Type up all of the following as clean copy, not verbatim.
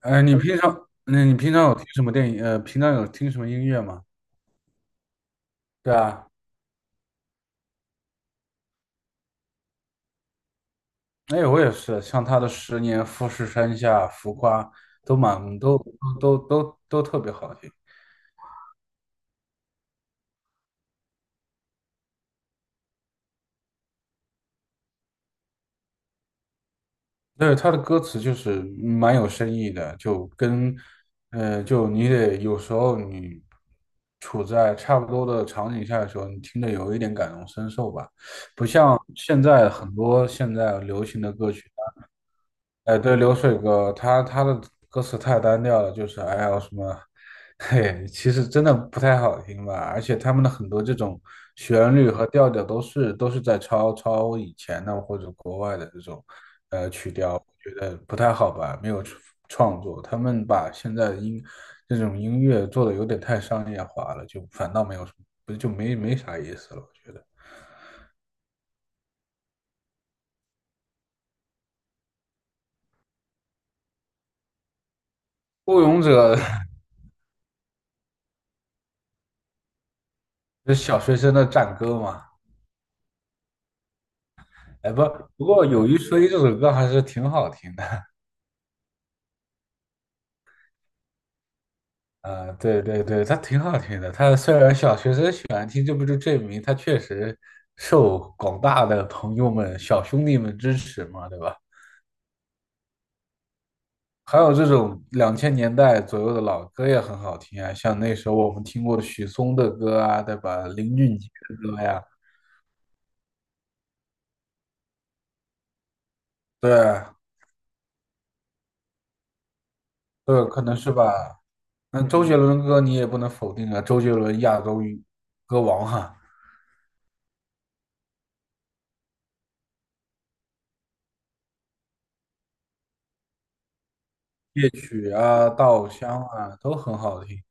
哎，你平常，那你平常有听什么电影？平常有听什么音乐吗？对啊，哎，我也是，像他的《十年》《富士山下》《浮夸》都蛮都都都都都特别好听。对，他的歌词就是蛮有深意的，就你得有时候你处在差不多的场景下的时候，你听着有一点感同身受吧，不像现在很多现在流行的歌曲。哎，对，流水歌，他的歌词太单调了，就是哎呀什么，嘿，其实真的不太好听吧。而且他们的很多这种旋律和调调都是在抄以前的或者国外的这种曲调，我觉得不太好吧，没有创作。他们把现在的音这种音乐做的有点太商业化了，就反倒没有什么，不就没啥意思了，我觉得。《孤勇者》是小学生的战歌嘛。哎，不过有一说一，这首歌还是挺好听的。啊、对对对，它挺好听的。它虽然小学生喜欢听，这不就证明它确实受广大的朋友们、小兄弟们支持嘛，对吧？还有这种2000年代左右的老歌也很好听啊，像那时候我们听过的许嵩的歌啊，对吧？林俊杰的歌呀，对对，可能是吧。那周杰伦的歌你也不能否定啊，周杰伦亚洲歌王哈、夜曲啊、稻香啊，都很好听。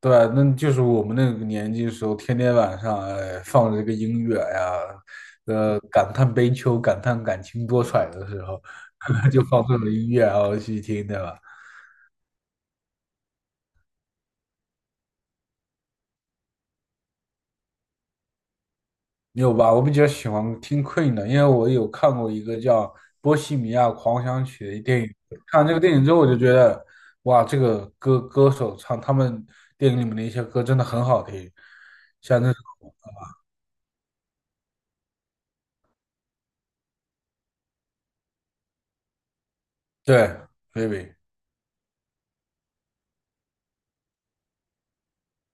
对啊，那就是我们那个年纪的时候，天天晚上哎放着这个音乐呀，感叹悲秋、感叹感情多舛的时候，就放这种音乐然后去听，对吧？你有吧？我比较喜欢听 Queen 的，因为我有看过一个叫《波西米亚狂想曲》的电影。看完这个电影之后，我就觉得，哇，这个歌手唱他们电影里面的一些歌真的很好听，像那对 Baby。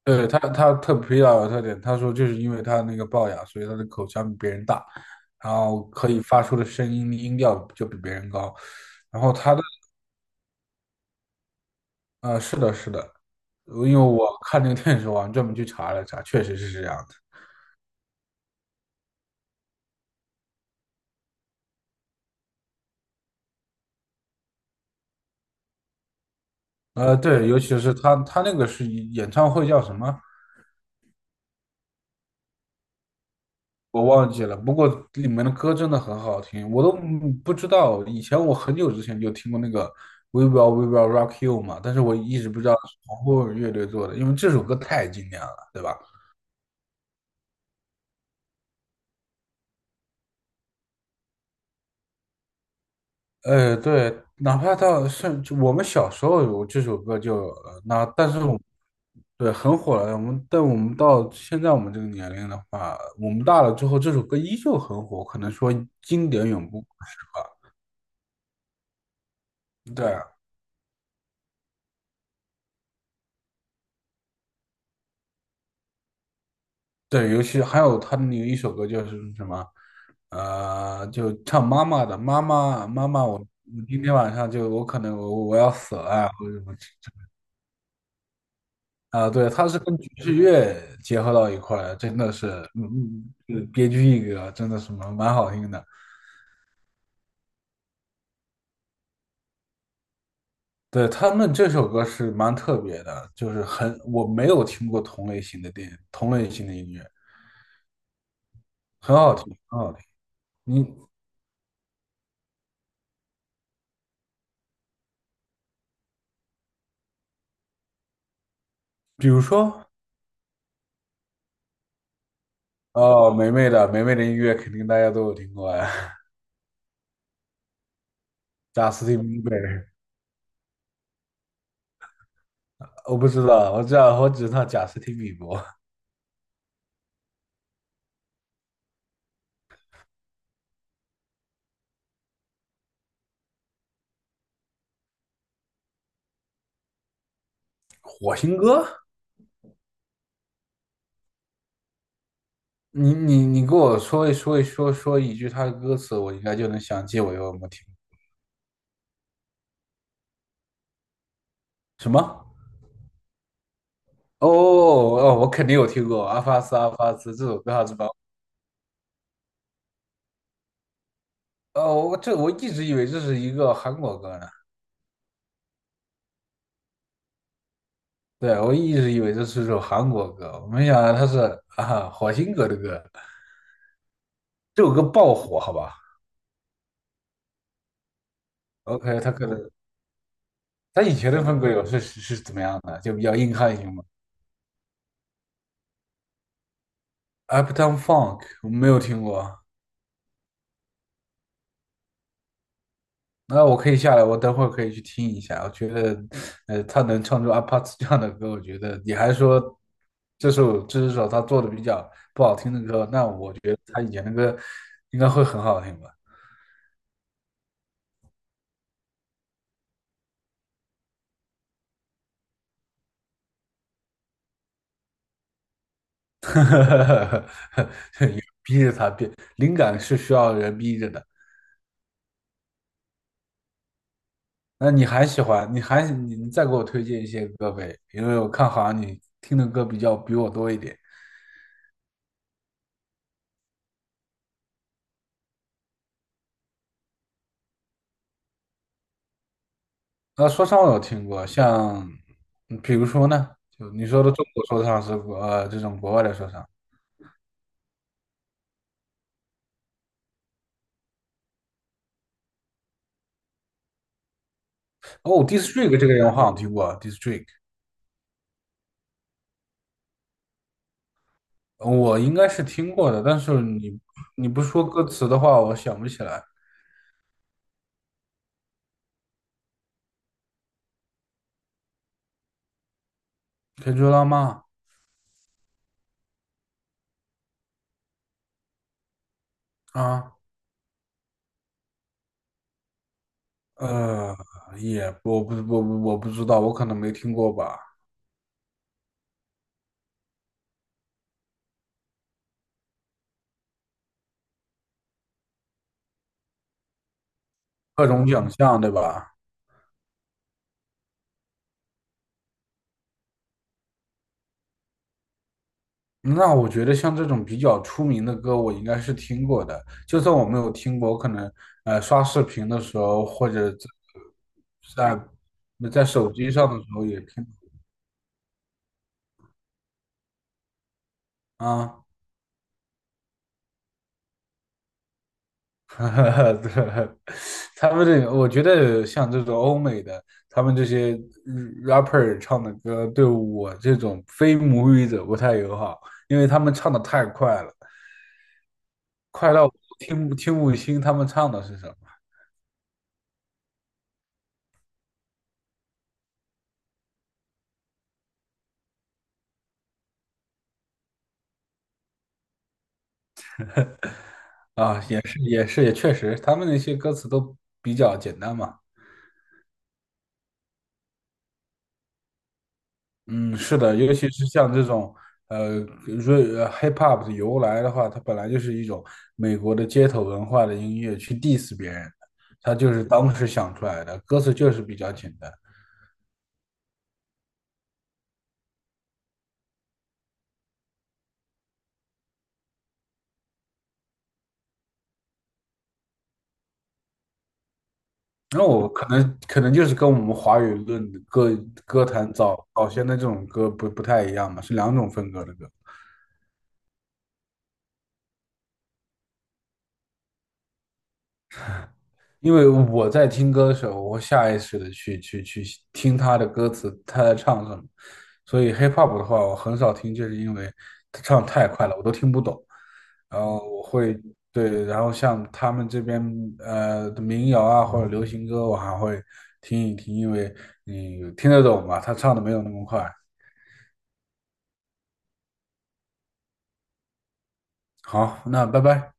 对他特皮老有特点，他说就是因为他那个龅牙，所以他的口腔比别人大，然后可以发出的声音音调就比别人高。然后他的是的，是的，因为我看那个电视，我还专门去查了查，确实是这样的。对，尤其是他那个是演唱会叫什么？我忘记了，不过里面的歌真的很好听，我都不知道。以前我很久之前就听过那个《We Will We Will Rock You》嘛，但是我一直不知道是皇后乐队做的，因为这首歌太经典了，对吧？对，哪怕到甚至我们小时候有这首歌就但是我们，对，很火了。但我们到现在我们这个年龄的话，我们大了之后，这首歌依旧很火，可能说经典永不过时吧。对啊，对，尤其还有他的那一首歌就是什么，就唱妈妈的妈妈妈妈，我今天晚上就我可能我要死了啊，或者什么啊，对，他是跟爵士乐结合到一块儿，真的是，别具一格，真的是蛮好听的。对，他们这首歌是蛮特别的，就是很，我没有听过同类型的电影，同类型的音乐，很好听，很好听。你比如说，哦，梅梅的音乐肯定大家都有听过呀。贾斯汀比伯，我不知道，我知道，我只知道贾斯汀比伯。火星哥，你给我说一句他的歌词，我应该就能想起我有没有听什么？哦哦，哦哦我肯定有听过《阿发斯阿发斯》这首歌，还是吧？哦，我一直以为这是一个韩国歌呢，对，我一直以为这是首韩国歌，我没想到它是火星哥的歌，这首歌爆火，好吧？OK,他可能他以前的风格有是是是怎么样的？就比较硬汉型。 Uptown Funk 我没有听过，那我可以下来，我等会儿可以去听一下。我觉得，他能唱出 a p a t 这样的歌，我觉得你还说这首他做的比较不好听的歌，那我觉得他以前的歌应该会很好听吧？有逼着他变，灵感是需要人逼着的。那你还喜欢？你还你你再给我推荐一些歌呗，因为我看好像你听的歌比较比我多一点。说唱我有听过，像比如说呢，就你说的中国说唱是这种国外的说唱。哦，District 这个人我好像听过，District 我应该是听过的，但是你不说歌词的话，我想不起来。可以追浪漫啊，呃，也我不知道，我可能没听过吧。各种奖项对吧？那我觉得像这种比较出名的歌，我应该是听过的。就算我没有听过，我可能刷视频的时候，或者在在手机上的时候也听啊。对，他们这个，我觉得像这种欧美的，他们这些rapper 唱的歌，对我这种非母语者不太友好，因为他们唱的太快了，快到我听不清他们唱的是什么。啊，也是也是也确实，他们那些歌词都比较简单嘛。嗯，是的，尤其是像这种呃瑞呃 hip hop 的由来的话，它本来就是一种美国的街头文化的音乐，去 diss 别人的，它就是当时想出来的，歌词就是比较简单。那我可能就是跟我们华语歌坛早先的这种歌不太一样嘛，是两种风格的歌。因为我在听歌的时候，我会下意识的去听他的歌词，他在唱什么。所以 hip hop 的话，我很少听，就是因为他唱太快了，我都听不懂。然后我会，对，然后像他们这边的民谣啊或者流行歌，我还会听一听，因为你听得懂嘛，他唱的没有那么快。好，那拜拜。